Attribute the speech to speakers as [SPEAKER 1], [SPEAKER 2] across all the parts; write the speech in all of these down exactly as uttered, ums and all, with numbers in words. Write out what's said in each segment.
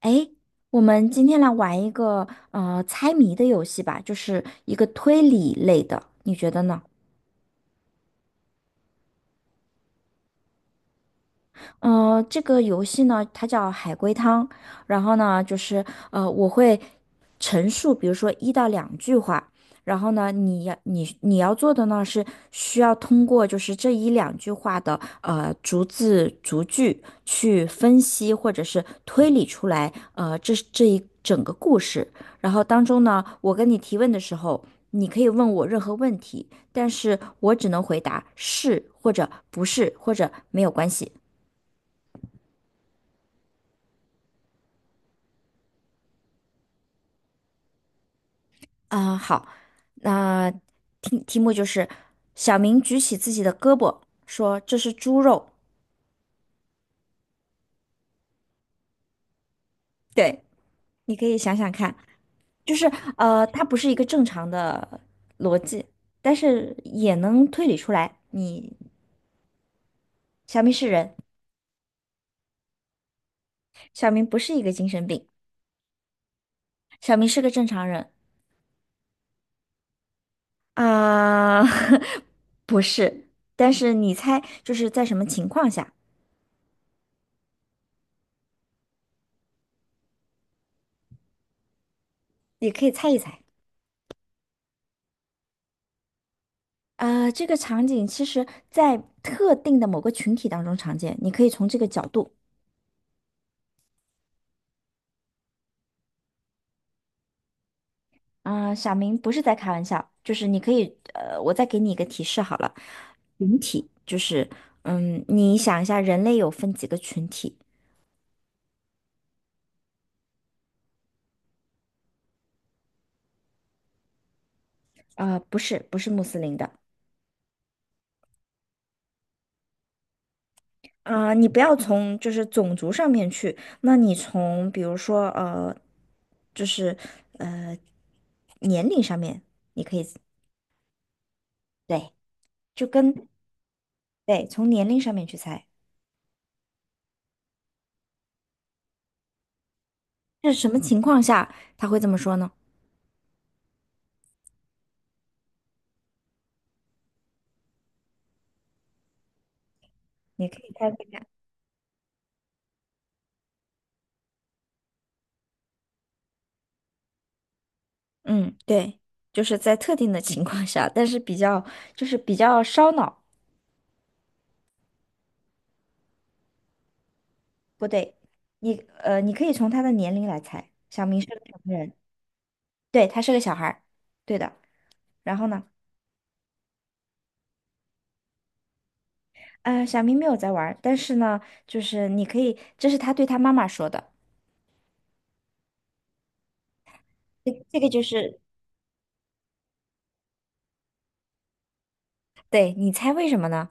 [SPEAKER 1] 诶，我们今天来玩一个呃猜谜的游戏吧，就是一个推理类的，你觉得呢？呃，这个游戏呢，它叫海龟汤。然后呢，就是呃，我会陈述，比如说一到两句话。然后呢，你要你你要做的呢是需要通过就是这一两句话的呃逐字逐句去分析或者是推理出来呃这这一整个故事。然后当中呢，我跟你提问的时候，你可以问我任何问题，但是我只能回答是或者不是或者没有关系。啊、好，那题题目就是小明举起自己的胳膊，说这是猪肉。对，你可以想想看，就是呃，它不是一个正常的逻辑，但是也能推理出来。你小明是人，小明不是一个精神病，小明是个正常人。啊、不是。但是你猜，就是在什么情况下，你可以猜一猜。呃，这个场景其实在特定的某个群体当中常见，你可以从这个角度。啊、小明不是在开玩笑，就是你可以，呃，我再给你一个提示好了，就是，嗯，你想一下，人类有分几个群体？啊、不是，不是穆斯林的。啊、你不要从就是种族上面去，那你从比如说呃，就是呃年龄上面，对，就跟对从年龄上面去猜，是什么情况下他会这么说呢？你可以猜猜看。嗯，对，就是在特定的情况下，但是比较就是比较烧脑。不对，你呃，你可以从他的年龄来猜。小明是个什么人，对，他是个小孩儿，对的。然后呢，呃，小明没有在玩儿，但是呢，就是你可以，这是他对他妈妈说的。这这个就是，对，你猜为什么呢？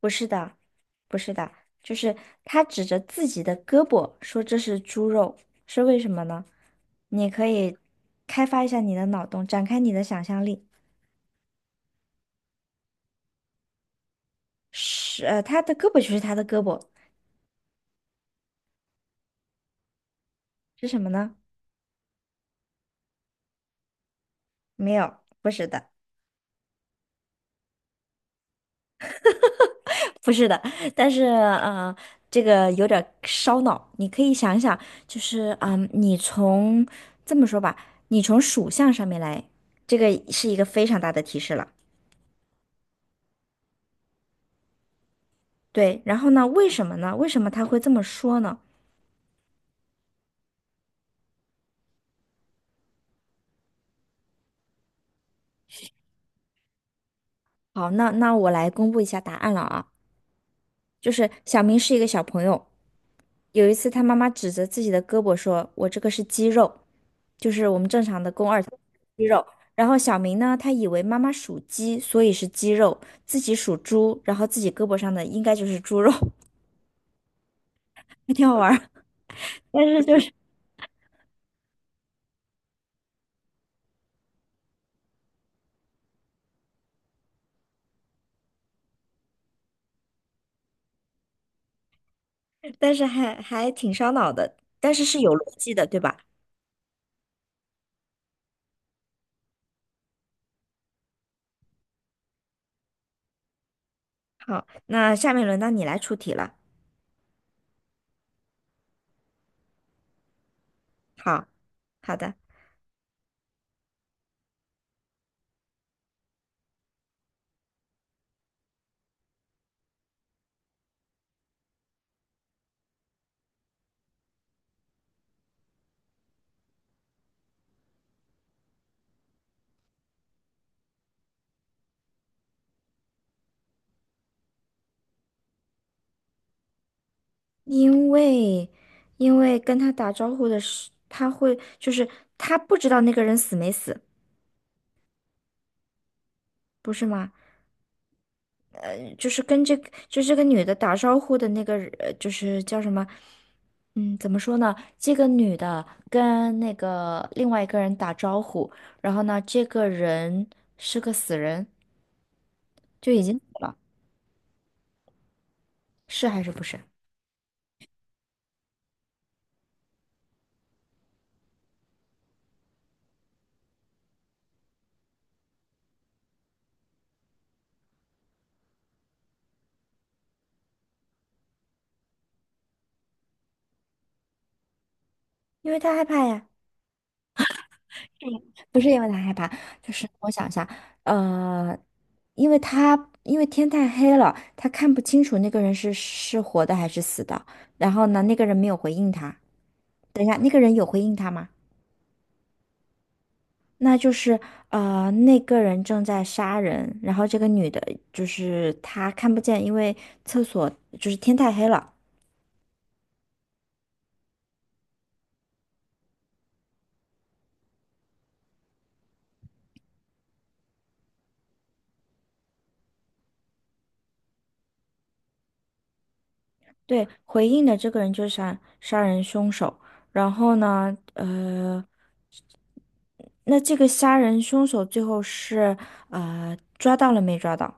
[SPEAKER 1] 不是的，不是的，就是他指着自己的胳膊说这是猪肉，是为什么呢？你可以开发一下你的脑洞，展开你的想象力。是，呃，他的胳膊就是他的胳膊，是什么呢？没有，不是的，不是的。但是，呃，这个有点烧脑，你可以想一想，就是，嗯，你从这么说吧，你从属相上面来，这个是一个非常大的提示了。对，然后呢？为什么呢？为什么他会这么说呢？好，那那我来公布一下答案了啊，就是小明是一个小朋友，有一次他妈妈指着自己的胳膊说：“我这个是肌肉，就是我们正常的肱二头肌肉。”然后小明呢，他以为妈妈属鸡，所以是鸡肉；自己属猪，然后自己胳膊上的应该就是猪肉，还挺好玩儿。但是就是，但是还还挺烧脑的，但是是有逻辑的，对吧？好，那下面轮到你来出题了。好，好的。因为，因为跟他打招呼的是，他会就是他不知道那个人死没死，不是吗？呃，就是跟这个就这个女的打招呼的那个人呃，就是叫什么？嗯，怎么说呢？这个女的跟那个另外一个人打招呼，然后呢，这个人是个死人，就已经死了，是还是不是？因为他害怕呀。不是因为他害怕，就是我想一下，呃，因为他因为天太黑了，他看不清楚那个人是是活的还是死的。然后呢，那个人没有回应他。等一下，那个人有回应他吗？那就是呃，那个人正在杀人，然后这个女的就是她看不见，因为厕所就是天太黑了。对，回应的这个人就是杀杀人凶手。然后呢，呃。那这个杀人凶手最后是呃抓到了没抓到？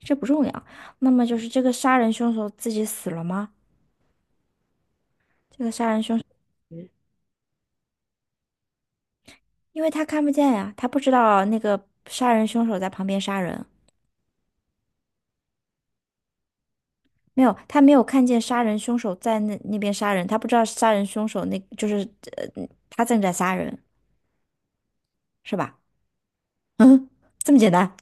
[SPEAKER 1] 这不重要。那么就是这个杀人凶手自己死了吗？这个杀人凶手，因为他看不见呀，他不知道那个杀人凶手在旁边杀人，没有，他没有看见杀人凶手在那那边杀人，他不知道杀人凶手那就是呃他正在杀人，是吧？嗯，这么简单？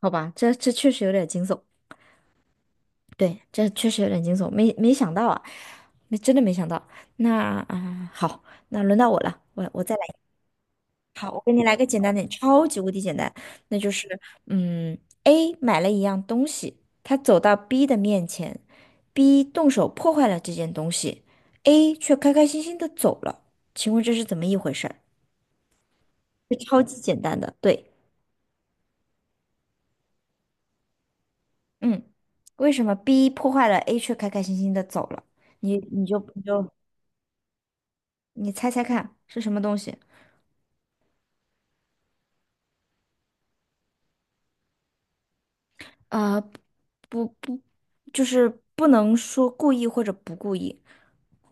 [SPEAKER 1] 好吧，这这确实有点惊悚。对，这确实有点惊悚，没没想到啊，没真的没想到。那啊、呃好，那轮到我了，我我再来。好，我给你来个简单点，超级无敌简单，那就是嗯，A 买了一样东西，他走到 B 的面前，B 动手破坏了这件东西，A 却开开心心的走了。请问这是怎么一回事儿？这超级简单的，对，嗯，为什么 B 破坏了，A 却开开心心的走了？你你就你就你猜猜看是什么东西？啊，不不，就是不能说故意或者不故意，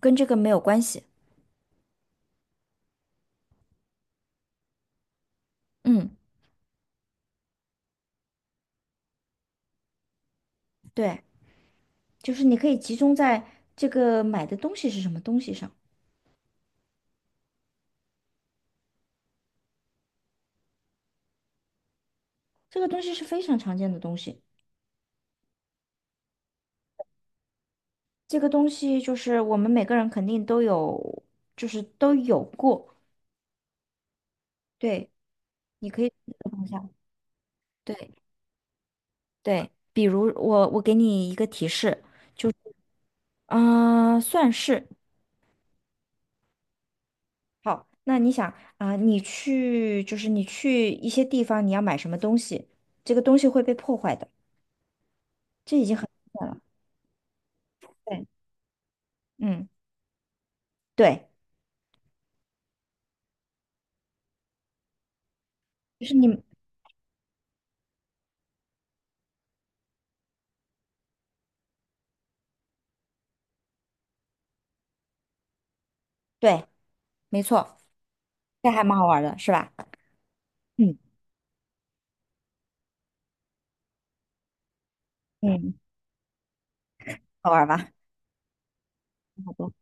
[SPEAKER 1] 跟这个没有关系。嗯，对，就是你可以集中在这个买的东西是什么东西上，这个东西是非常常见的东西，这个东西就是我们每个人肯定都有，就是都有过。对，你可以试着放下。对对，比如我我给你一个提示，嗯、算是。好，那你想啊，你去就是你去一些地方，你要买什么东西，这个东西会被破坏的，这已经很明显了。对，嗯，对，就是你，对，没错，这还蛮好玩儿的，是吧？嗯嗯，好玩儿吧？好的，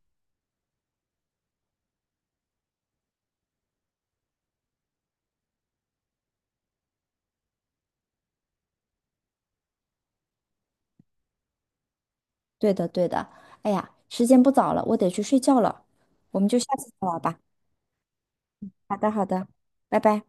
[SPEAKER 1] 对的对的。哎呀，时间不早了，我得去睡觉了，我们就下次再玩儿吧。好的好的，拜拜。